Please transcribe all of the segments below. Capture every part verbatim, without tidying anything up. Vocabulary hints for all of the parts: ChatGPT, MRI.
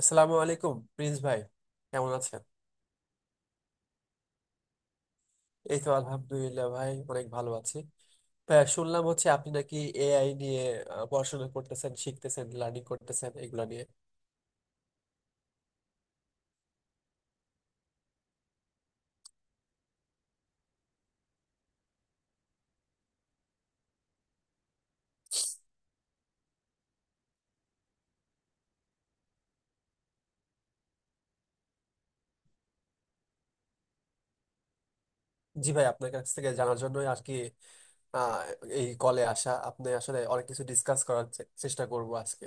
আসসালামু আলাইকুম প্রিন্স ভাই, কেমন আছেন? এই তো আলহামদুলিল্লাহ ভাই, অনেক ভালো আছি। ভাই শুনলাম হচ্ছে আপনি নাকি এআই নিয়ে আহ, পড়াশোনা করতেছেন, শিখতেছেন, লার্নিং করতেছেন এগুলো নিয়ে। জি ভাই, আপনার কাছ থেকে জানার জন্যই আর কি আহ, এই কলে আসা। আপনি আসলে অনেক কিছু ডিসকাস করার চে- চেষ্টা করব আজকে।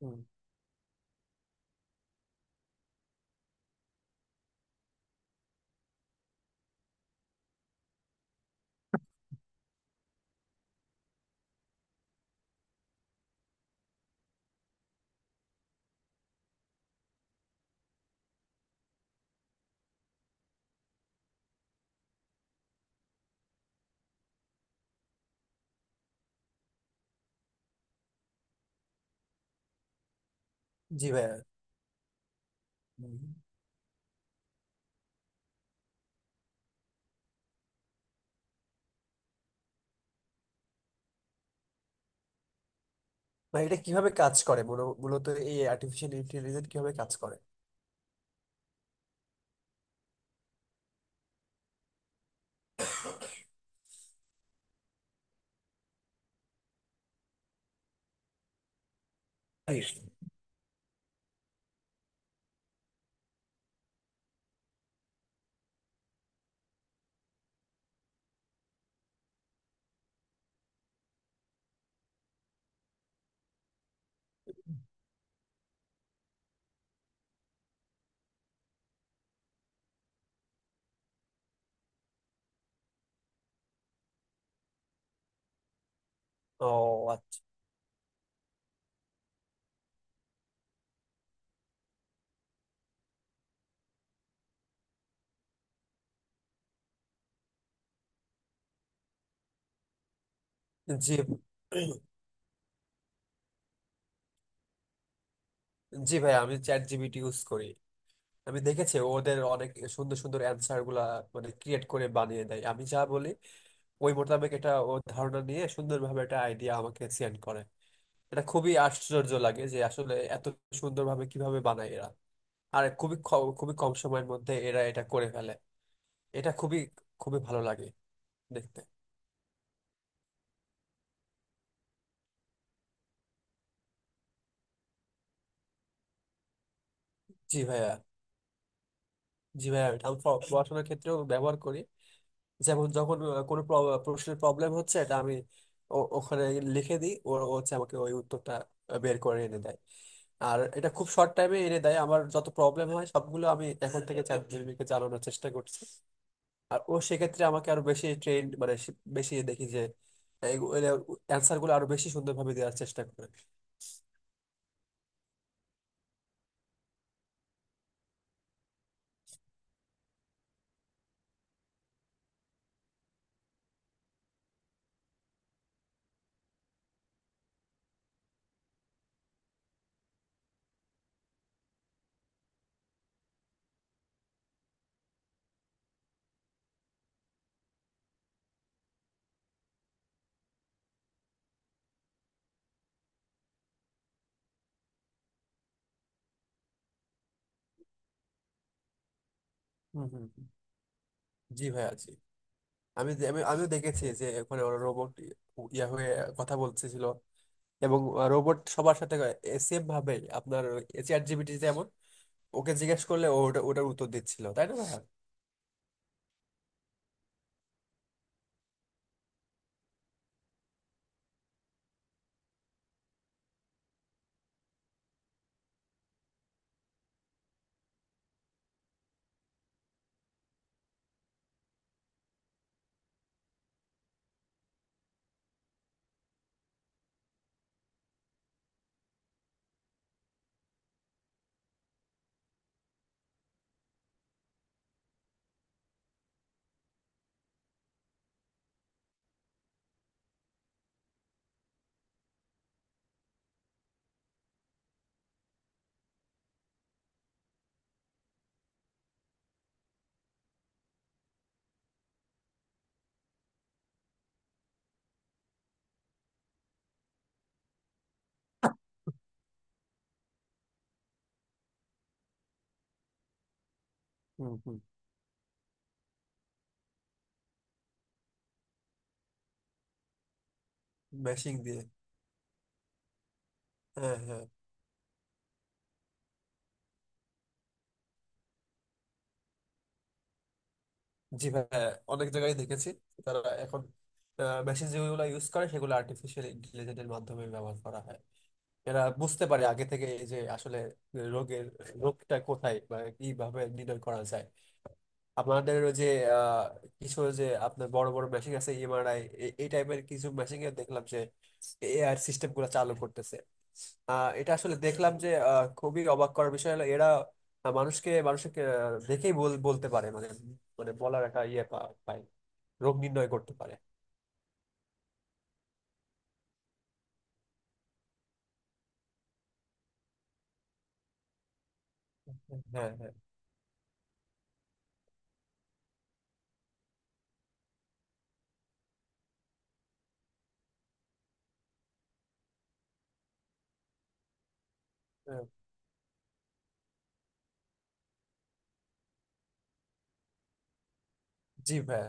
হুম, জি ভাই। হুম। ভাই এটা কিভাবে কাজ করে মূল- মূলত, এই আর্টিফিশিয়াল ইন্টেলিজেন্স কিভাবে কাজ করে? ও আচ্ছা। জি, জি ভাই, আমি চ্যাট জিপিটি ইউজ করি। আমি দেখেছি ওদের অনেক সুন্দর সুন্দর অ্যান্সার গুলা মানে ক্রিয়েট করে বানিয়ে দেয়। আমি যা বলি ওই মোতাবেক এটা ও ধারণা নিয়ে সুন্দরভাবে একটা আইডিয়া আমাকে সেন্ড করে। এটা খুবই আশ্চর্য লাগে যে আসলে এত সুন্দরভাবে কিভাবে বানায় এরা। আর খুবই খ- খুবই কম সময়ের মধ্যে এরা এটা করে ফেলে। এটা খুবই খুবই ভালো লাগে দেখতে। জি ভাইয়া, জি ভাইয়া, আমি পড়াশোনার ক্ষেত্রেও ব্যবহার করি। যেমন যখন আহ, কোনো প্র- প্রশ্নের প্রবলেম হচ্ছে এটা আমি ও- ওখানে লিখে দিই, ও ও হচ্ছে আমাকে ওই উত্তরটা আহ, বের করে এনে দেয়। আর এটা খুব শর্ট টাইমে এনে দেয়। আমার যত প্রবলেম হয় সবগুলো আমি এখন থেকে চ্যাট জিপিটিকে চালানোর চেষ্টা করছি। আর ও সেক্ষেত্রে আমাকে আরো বেশি ট্রেন মানে সে- বেশি দেখি যে অ্যান্সার গুলো আরো বেশি সুন্দরভাবে দেওয়ার চেষ্টা করে। হুম হুম হুম। জি ভাই, আছি। আমি দে- আমি, আমিও দেখেছি যে ওখানে ওরা রোবট ইয়া হয়ে কথা বলতেছিল, এবং রোবট সবার সাথে সেম ভাবে আপনার চ্যাট জিপিটি যেমন, ওকে জিজ্ঞেস করলে ও ওটা ওটার উত্তর দিচ্ছিল, তাই না ভাইয়া? হুম হুম। মেশিং দিয়ে। হ্যাঁ হ্যাঁ, জি ভাইয়া, অনেক জায়গায় দেখেছি তারা এখন মেশিন যেগুলো ইউজ করে সেগুলো আর্টিফিশিয়াল ইন্টেলিজেন্সের মাধ্যমে ব্যবহার করা হয়। এরা বুঝতে পারে আগে থেকে এই যে আসলে রোগের রোগটা কোথায় বা কিভাবে নির্ণয় করা যায়। আপনাদের ওই যে আহ, কিছু ওই যে আপনার বড় বড় মেশিন আছে এমআরআই এই টাইপের কিছু মেশিন এ দেখলাম যে এআই সিস্টেম গুলো চালু করতেছে। আহ, এটা আসলে দেখলাম যে আহ, খুবই অবাক করার বিষয় হলো এরা মানুষকে মানুষকে আহ, দেখেই বল- বলতে পারে মানে, মানে বলার একটা ইয়ে পা- পায়, রোগ নির্ণয় করতে পারে। হ্যাঁ হ্যাঁ হ্যাঁ জি ভাই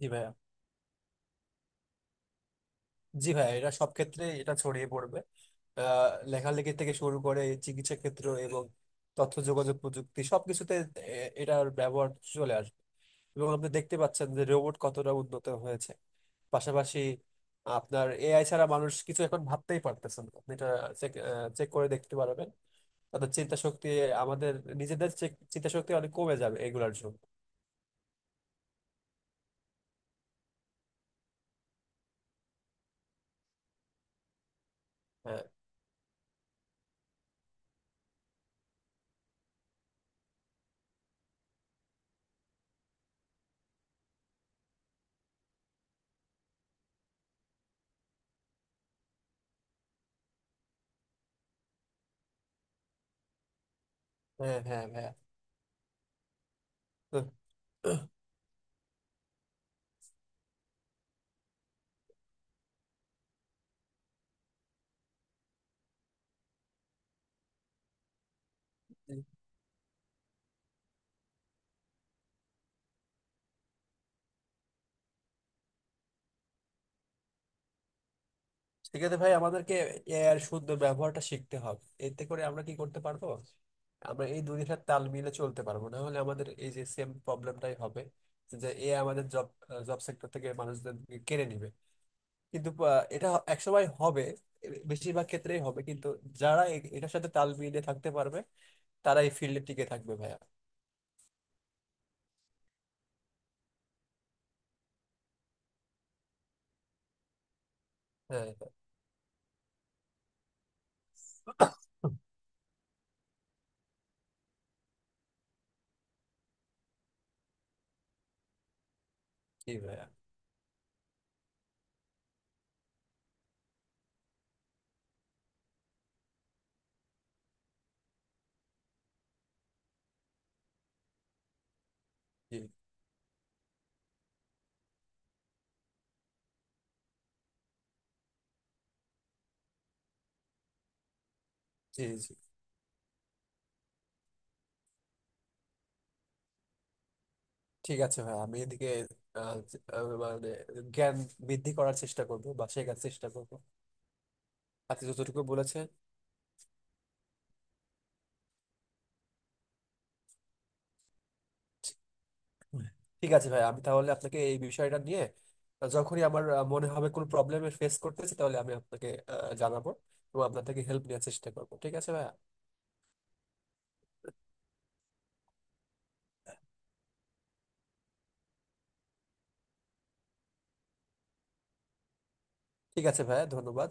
জি ভাই জি ভাই এটা সব ক্ষেত্রে এটা ছড়িয়ে পড়বে আহ, লেখালেখি থেকে শুরু করে চিকিৎসা ক্ষেত্র এবং তথ্য যোগাযোগ প্রযুক্তি সবকিছুতে এ- এটার ব্যবহার চলে আসবে এবং আপনি দেখতে পাচ্ছেন যে রোবট কতটা উন্নত হয়েছে পাশাপাশি আপনার এআই ছাড়া মানুষ কিছু এখন ভাবতেই পারতেছেন আপনি এটা চেক চেক করে দেখতে পারবেন তাদের চিন্তা শক্তি আমাদের নিজেদের চেক- চিন্তা শক্তি অনেক কমে যাবে এগুলার জন্য হ্যাঁ হ্যাঁ হ্যাঁ হ্যাঁ। তো সেক্ষেত্রে ভাই আমাদেরকে এআই এর সুন্দর ব্যবহারটা শিখতে হবে, এতে করে আমরা কি করতে পারবো, আমরা এই দুনিয়ার তাল মিলে চলতে পারবো। না হলে আমাদের এই যে সেম প্রবলেমটাই হবে যে এ আমাদের জব জব সেক্টর থেকে মানুষদের কেড়ে নিবে। কিন্তু আহ, এটা একসময় হবে, এ- বেশিরভাগ ক্ষেত্রেই হবে, কিন্তু যারা এ- এটার সাথে তাল মিলিয়ে থাকতে পারবে তারা এই ফিল্ডে টিকে থাকবে ভাইয়া। হ্যাঁ। জি ভাইয়া। জি জি জি। ঠিক আছে ভাইয়া, আমি এদিকে আহ, আহ, মানে জ্ঞান বৃদ্ধি করার চেষ্টা করবো বা শেখার চেষ্টা করবো। আপনি যতটুকু বলেছেন। ঠিক আছে ভাই, আমি তাহলে আপনাকে এই বিষয়টা নিয়ে আহ, যখনই আমার আহ, মনে হবে কোনো প্রবলেমের ফেস করতেছি তাহলে আমি আপনাকে আহ, জানাবো, এবং আপনার থেকে হেল্প নেওয়ার চেষ্টা করবো। ঠিক আছে ভাইয়া? ঠিক আছে ভাইয়া, ধন্যবাদ।